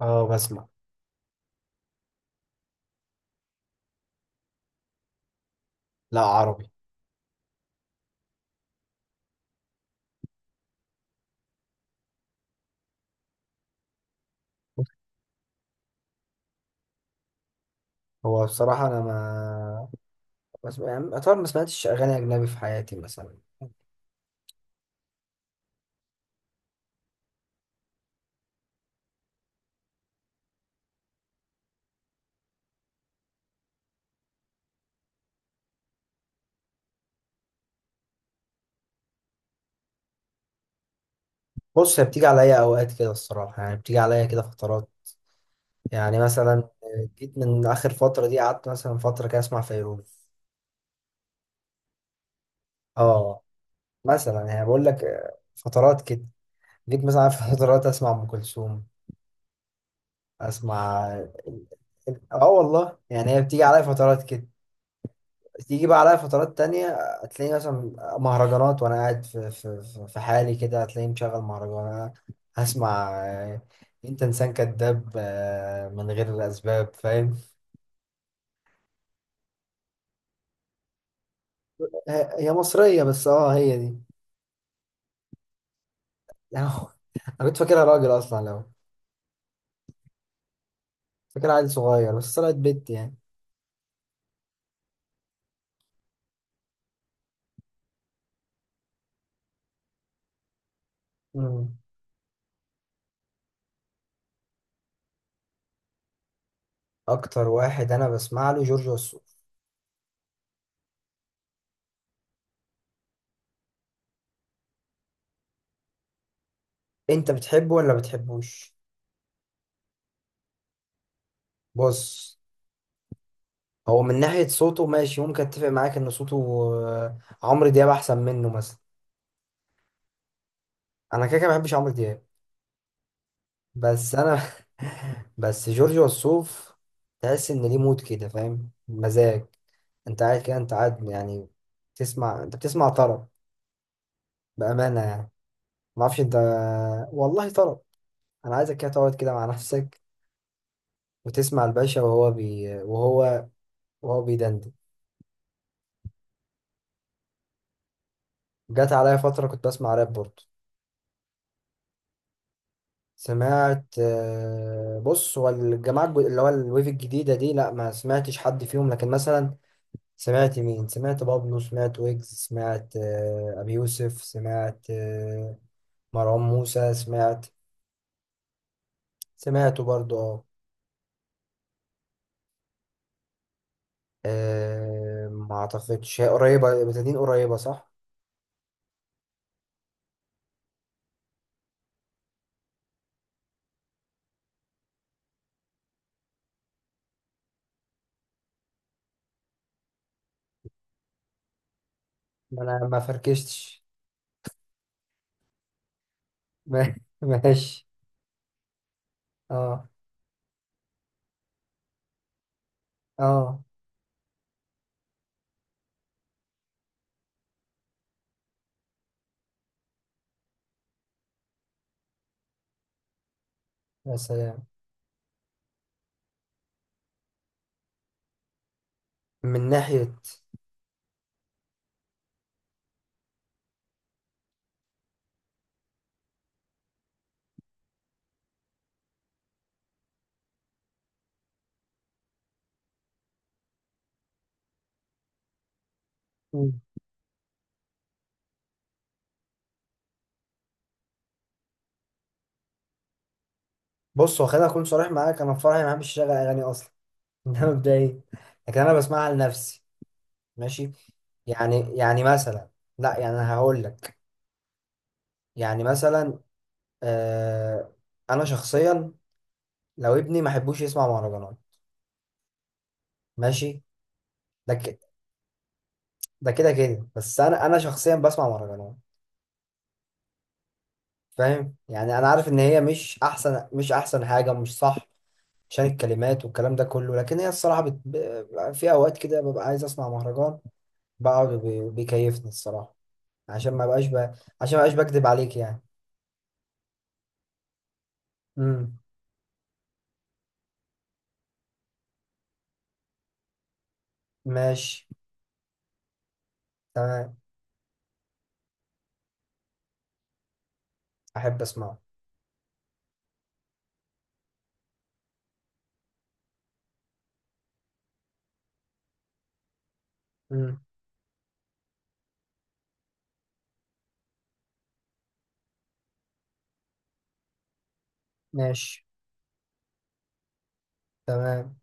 اه، بسمع. لا، عربي. هو بصراحة أنا ما بسمع، يعني أطول ما سمعتش أغاني أجنبي في حياتي مثلا. بص، هي بتيجي عليا أوقات كده الصراحة، يعني بتيجي عليا كده فترات. يعني مثلا جيت من آخر فترة دي، قعدت مثلا فترة كده أسمع فيروز. اه. مثلا يعني بقول لك، فترات كده. جيت مثلا في فترات أسمع أم كلثوم. أسمع. اه والله، يعني هي بتيجي عليا فترات كده. تيجي بقى عليا فترات تانية. هتلاقيني مثلا مهرجانات، وأنا قاعد في حالي كده، هتلاقيني مشغل مهرجان. هسمع. أنت إنسان كذاب، من غير أسباب فاهم. هي مصرية، بس هي دي. يعني. أنا كنت فاكرها راجل أصلا، لو فاكرها عيل صغير بس طلعت بنت يعني. مم. أكتر واحد أنا بسمع له جورج وسوف. أنت بتحبه ولا بتحبوش؟ بص، هو من ناحية صوته ماشي، ممكن أتفق معاك إن صوته آه، عمرو دياب أحسن منه مثلا. انا كده كده ما بحبش عمرو دياب. بس انا بس جورج وسوف. تحس ان ليه مود كده، فاهم، مزاج. انت قاعد كده، انت قاعد يعني، تسمع، انت بتسمع طرب، بامانه يعني، ما اعرفش انت. والله طرب. انا عايزك كده تقعد كده مع نفسك وتسمع الباشا، وهو بي وهو وهو بيدندن. جات عليا فتره كنت بسمع راب برضه. سمعت، بص، هو الجماعه اللي هو الويف الجديده دي، لا ما سمعتش حد فيهم لكن مثلا، سمعت مين، سمعت بابلو، سمعت ويجز، سمعت أبي يوسف، سمعت مروان موسى، سمعت. سمعته برضو، اه. آه، ما اعتقدش، هي قريبة بتدين، قريبة صح؟ ما انا ما فركشتش. ما- ماشي. اه. اه. يا سلام. من ناحية. مم. بص، هو خليني اكون صريح معاك، انا في فرحي ما بحبش اشغل اغاني اصلا. ده مبدئيا، لكن انا بسمعها لنفسي. ماشي. يعني مثلا. لا، يعني انا هقول لك. يعني مثلا. آه. انا شخصيا، لو ابني ما احبوش يسمع مهرجانات. ماشي. ده ك... ده كده كده، بس انا شخصيا بسمع مهرجانات. فاهم، يعني انا عارف ان هي مش احسن حاجه، مش صح. عشان الكلمات والكلام ده كله، لكن هي الصراحه في اوقات كده ببقى عايز اسمع مهرجان. بقعد بيكيفني الصراحه، عشان ما بقاش ب... عشان ما بقاش بكذب عليك يعني. امم. ماشي. تمام. احب اسمعه. امم. ماشي. تمام.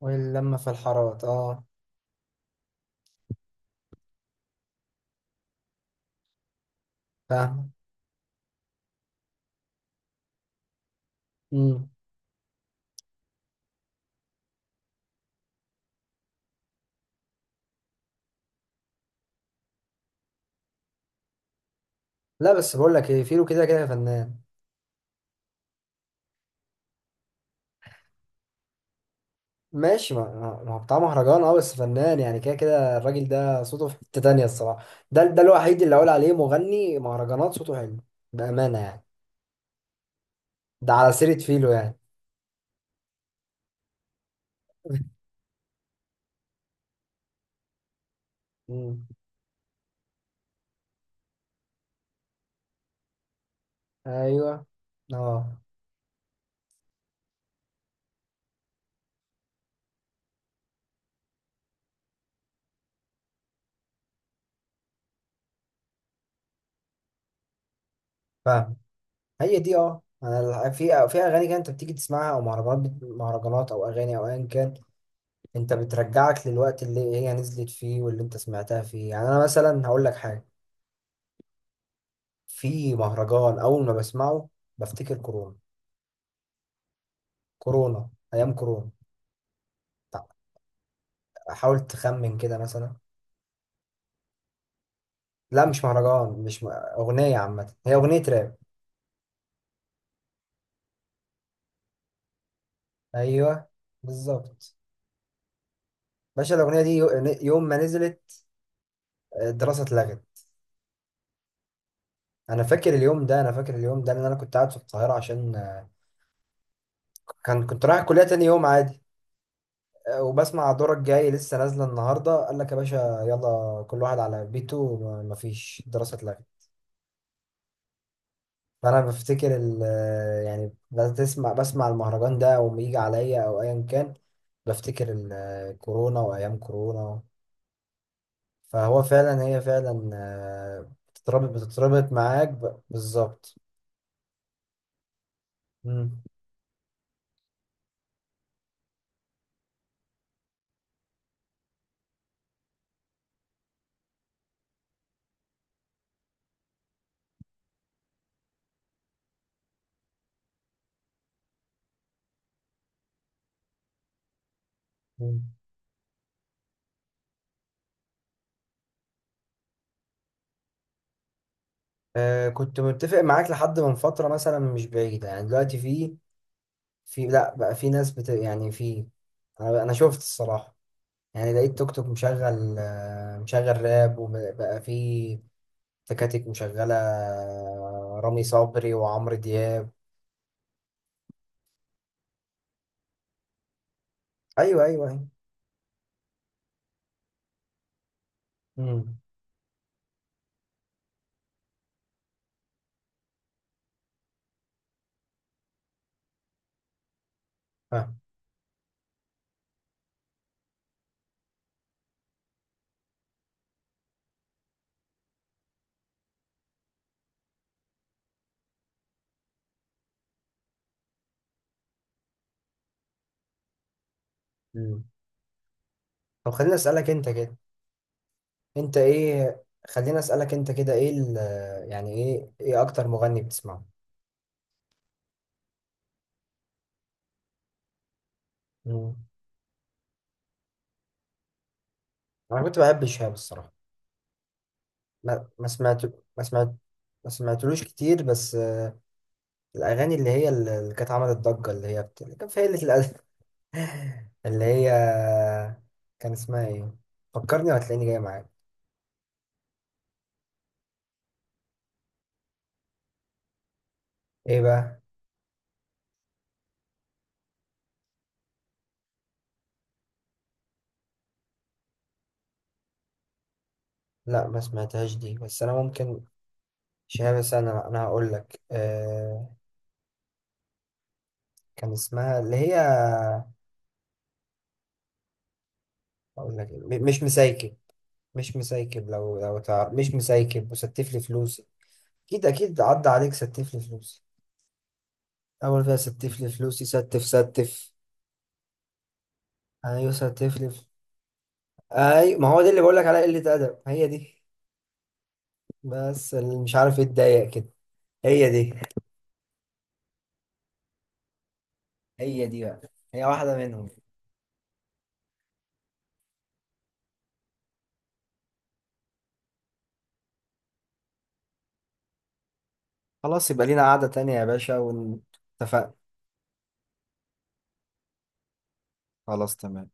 واللمه في الحارات، اه. فاهم. مم. لا، بس بقول لك ايه، فيلو كده كده فنان. ماشي، ما هو بتاع مهرجان، اه بس فنان يعني، كده كده الراجل ده صوته في حتة تانية، الصراحة. ده الوحيد اللي اقول عليه مغني مهرجانات صوته حلو، بأمانة يعني. ده على سيرة فيلو يعني. مم. ايوه. اه. فاهم. هي دي، اه، في اغاني كده انت بتيجي تسمعها، او مهرجانات، مهرجانات او اغاني او ايا كان، انت بترجعك للوقت اللي هي نزلت فيه واللي انت سمعتها فيه يعني. انا مثلا هقول لك حاجة. في مهرجان اول ما بسمعه بفتكر كورونا. كورونا، ايام كورونا. تع- حاول تخمن كده مثلا. لا مش مهرجان، مش م... اغنيه عامه، هي اغنيه راب. ايوه بالظبط. باشا الاغنيه دي، يوم ما نزلت، الدراسه اتلغت. انا فاكر اليوم ده، انا فاكر اليوم ده، لان انا كنت قاعد في القاهره عشان كنت رايح الكليه تاني يوم عادي. وبسمع دورك جاي لسه نازله النهارده، قال لك يا باشا يلا كل واحد على بيته، مفيش دراسه، اتلغت. فانا بفتكر يعني بسمع المهرجان ده او يجي عليا او ايا كان، بفتكر كورونا وايام كورونا. فهو فعلا، هي فعلا بتتربط معاك، بالظبط. مم. مم. كنت متفق معاك لحد من فترة مثلا مش بعيدة، يعني دلوقتي في في لا بقى في ناس يعني في، أنا شفت الصراحة. يعني لقيت توك توك مشغل راب، وبقى في تكاتك مشغلة رامي صبري وعمرو دياب. أيوه أيوه أيوه. أمم، فاهم. أمم. طب خليني أسألك أنت كده، أنت إيه، خليني أسألك أنت كده، إيه يعني إيه، أكتر مغني بتسمعه؟ أمم. أنا كنت بحب شهاب الصراحة. ما سمعت، ما سمعت، ما سمعتلوش كتير بس. الأغاني اللي هي اللي كانت عملت ضجة، اللي هي اللي كان في قلة الأدب. اللي هي، كان اسمها إيه؟ فكرني وهتلاقيني جاي معاك. إيه بقى؟ لا ما سمعتهاش دي، بس انا ممكن. شهاب، انا هقول لك، كان اسمها اللي هي، هقول لك مش مسايكب. مش مسايكب، لو تعرف مش مسايكب وستف لي فلوسي. اكيد اكيد عدى عليك ستف لي فلوسي. اول فيها ستف لي فلوسي، ستف ستف. ايوه ستف لي اي ما هو ده اللي بقول لك عليها قلة ادب، هي دي. بس اللي مش عارف ايه اتضايق كده. هي دي، هي دي بقى، هي واحدة منهم. خلاص يبقى لينا قعدة تانية يا باشا واتفقنا. خلاص تمام.